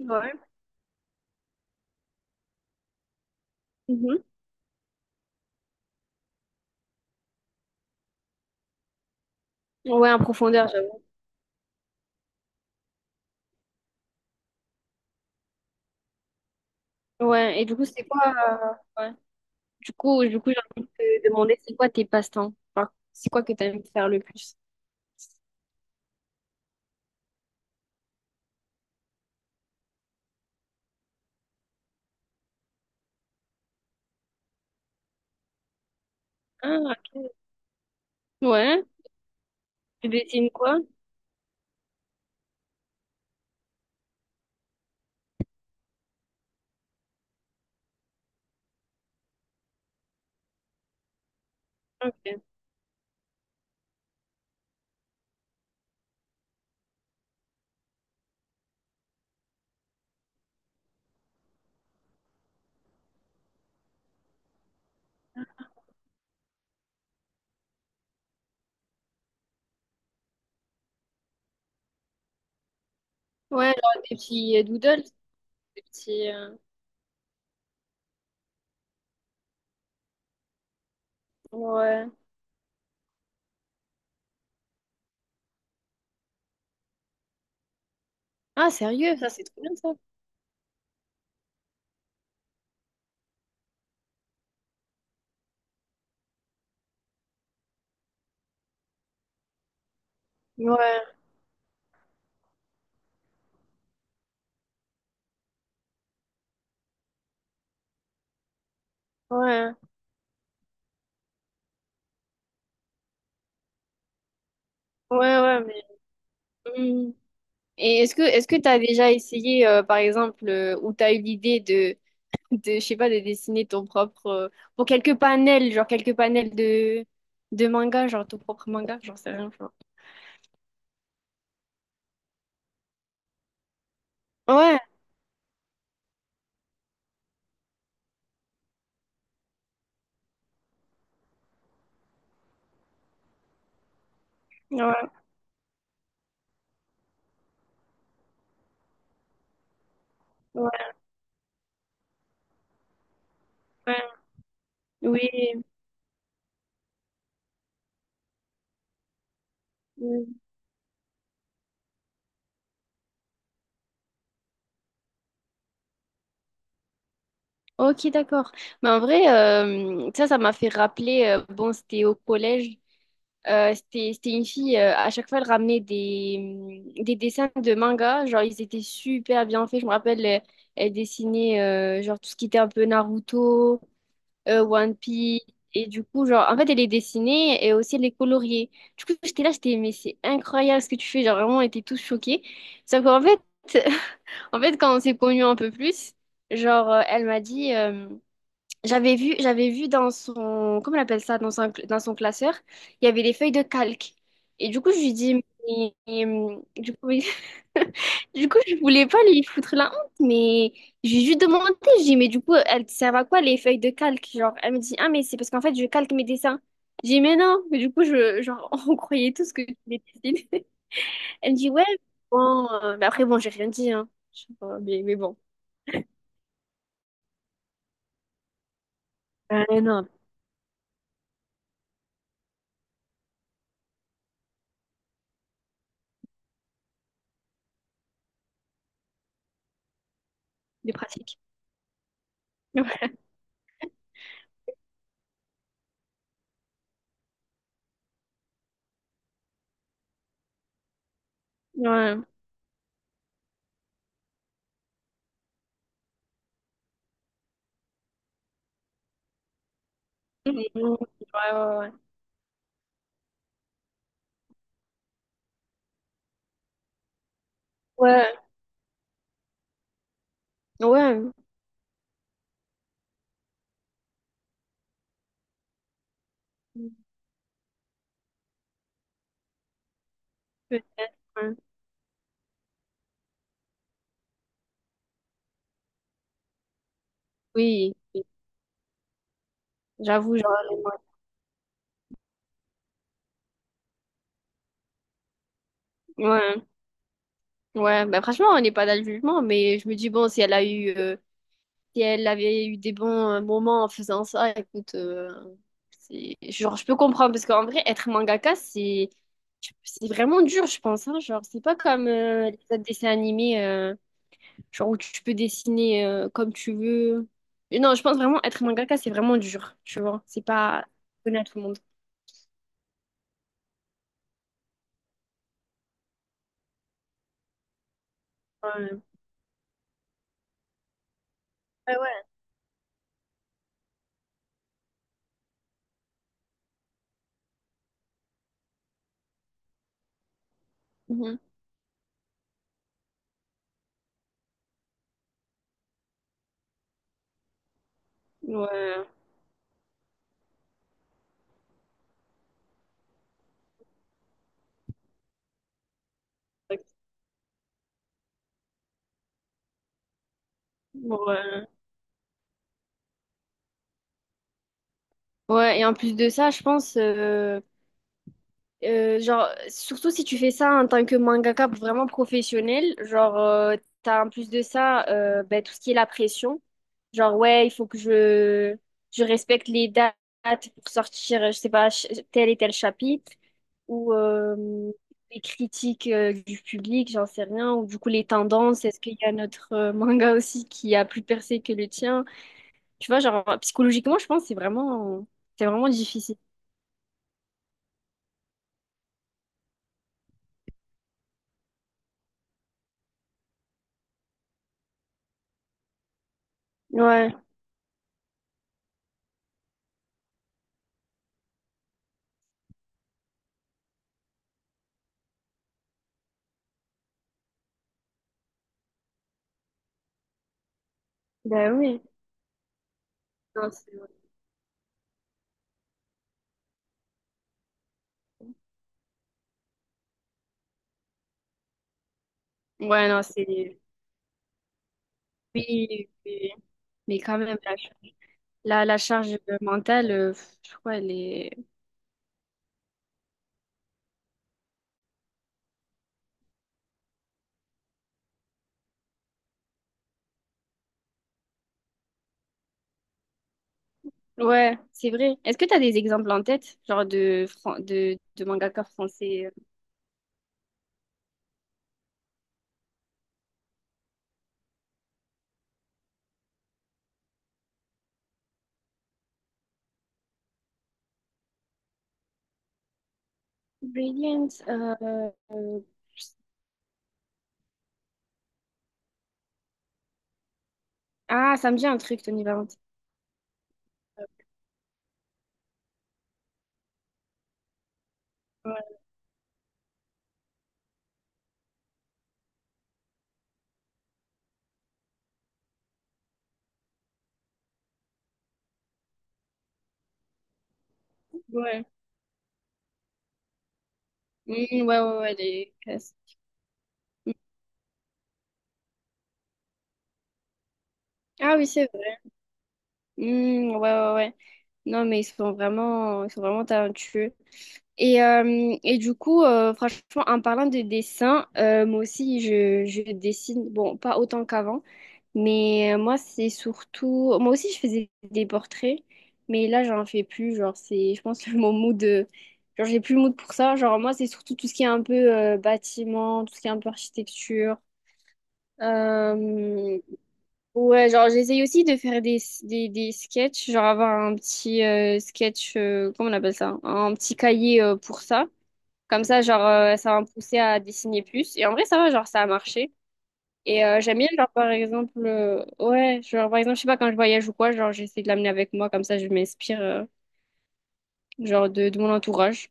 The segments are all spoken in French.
Ouais. Mhm. Ouais, en profondeur, j'avoue. Ouais, et du coup, c'est quoi ouais. Du coup, j'ai envie de te demander, c'est quoi tes passe-temps? Enfin, c'est quoi que t'aimes faire le plus? Ah, ok, ouais. Tu dessines quoi? Ok. Ouais, genre des petits doodles, des petits... Ouais. Ah, sérieux, ça, c'est trop bien, ça. Ouais, ouais, ouais, ouais, mais... Hmm. Et est-ce que t'as déjà essayé, par exemple, ou t'as eu l'idée de, je sais pas, de dessiner ton propre, pour quelques panels, genre quelques panels de manga, genre ton propre manga, j'en sais rien, genre. Ouais, ouais, ouais, ouais. Oui. Mm. Ok, d'accord. Mais en vrai, ça, ça m'a fait rappeler, bon, c'était au collège, c'était, c'était une fille, à chaque fois, elle ramenait des, mm, des dessins de manga, genre ils étaient super bien faits, je me rappelle, elle, elle dessinait, genre tout ce qui était un peu Naruto, One Piece. Et du coup, genre, en fait, elle les dessinée et aussi elle est coloriée. Du coup, j'étais là, j'étais, mais c'est incroyable ce que tu fais. Genre, vraiment, on était tous choqués. Sauf qu'en fait, en fait, quand on s'est connus un peu plus, genre, elle m'a dit, j'avais vu dans son, comment on appelle ça, dans son classeur, il y avait des feuilles de calque. Et du coup, je lui dis, mais, du coup, Du coup, je voulais pas lui foutre la honte, mais j'ai juste demandé, j'ai dit, mais du coup, elles servent à quoi les feuilles de calque? Genre, elle me dit, ah, mais c'est parce qu'en fait, je calque mes dessins. J'ai dit, mais non, mais du coup, je, genre, on croyait tous que tu les dessines. Elle me dit, ouais, bon, mais après, bon, j'ai rien dit, hein. Mais bon, ouais, non, des pratiques. Ouais, ouais, ouais, ouais, ouais, ouais, ouais, ouais. Oui, j'avoue, genre, ouais. Ouais, bah franchement, on n'est pas dans le jugement, mais je me dis, bon, si elle a eu, si elle avait eu des bons moments en faisant ça, écoute, c'est, genre, je peux comprendre, parce qu'en vrai, être mangaka, c'est vraiment dur, je pense, hein, genre, c'est pas comme les autres dessins animés, genre, où tu peux dessiner comme tu veux. Et non, je pense vraiment, être mangaka, c'est vraiment dur, tu vois, c'est pas donné à tout le monde. Ouais. Ouais, ouais. Mhm. Ouais. Ouais. Ouais, et en plus de ça, je pense, euh, genre, surtout si tu fais ça en tant que mangaka vraiment professionnel, genre, t'as en plus de ça ben, tout ce qui est la pression. Genre, ouais, il faut que je respecte les dates pour sortir, je sais pas, tel et tel chapitre, ou les critiques du public, j'en sais rien, ou du coup les tendances, est-ce qu'il y a notre manga aussi qui a plus percé que le tien? Tu vois, genre, psychologiquement, je pense que c'est vraiment difficile. Ouais, bah oui. Non, c'est ouais, non, c'est... Oui, oui, oui. Mais quand même, la, la charge mentale, je crois, elle est... Ouais, c'est vrai. Est-ce que tu as des exemples en tête, genre de, de mangaka français? Euh, Brilliant. Euh, ah, ça me dit un truc, Tony Valenti. Ouais, ouais. Mm, ouais, ouais, ouais, les classes. Mm. Ah oui, c'est vrai. Mm, ouais, ouais, ouais. Non, mais ils sont vraiment talentueux. Et du coup, franchement, en parlant de dessin, moi aussi, je dessine, bon, pas autant qu'avant, mais moi, c'est surtout, moi aussi, je faisais des portraits, mais là, j'en fais plus, genre, c'est, je pense, mon mood, genre, j'ai plus le mood pour ça, genre, moi, c'est surtout tout ce qui est un peu bâtiment, tout ce qui est un peu architecture. Euh, ouais, genre, j'essaye aussi de faire des sketchs, genre, avoir un petit sketch, comment on appelle ça? Un petit cahier pour ça. Comme ça, genre, ça va me pousser à dessiner plus. Et en vrai, ça va, genre, ça a marché. Et j'aime bien, genre, par exemple, ouais, genre, par exemple, je sais pas, quand je voyage ou quoi, genre, j'essaie de l'amener avec moi, comme ça, je m'inspire, genre, de mon entourage.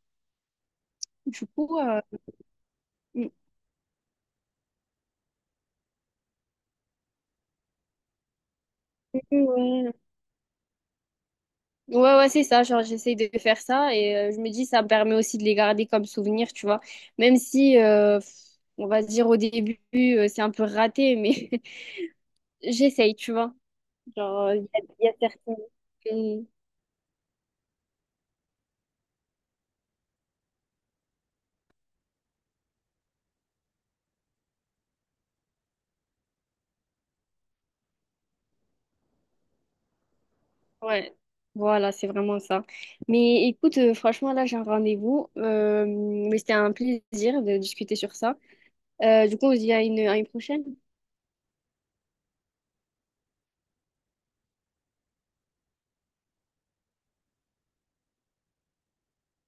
Du coup, mm, ouais, ouais, ouais, c'est ça, genre, j'essaie de faire ça et je me dis, ça me permet aussi de les garder comme souvenir, tu vois. Même si, on va se dire, au début, c'est un peu raté, mais j'essaye, tu vois. Genre, il y a certains. Ouais, voilà, c'est vraiment ça. Mais écoute, franchement, là, j'ai un rendez-vous, mais c'était un plaisir de discuter sur ça. Du coup, on se dit à une prochaine.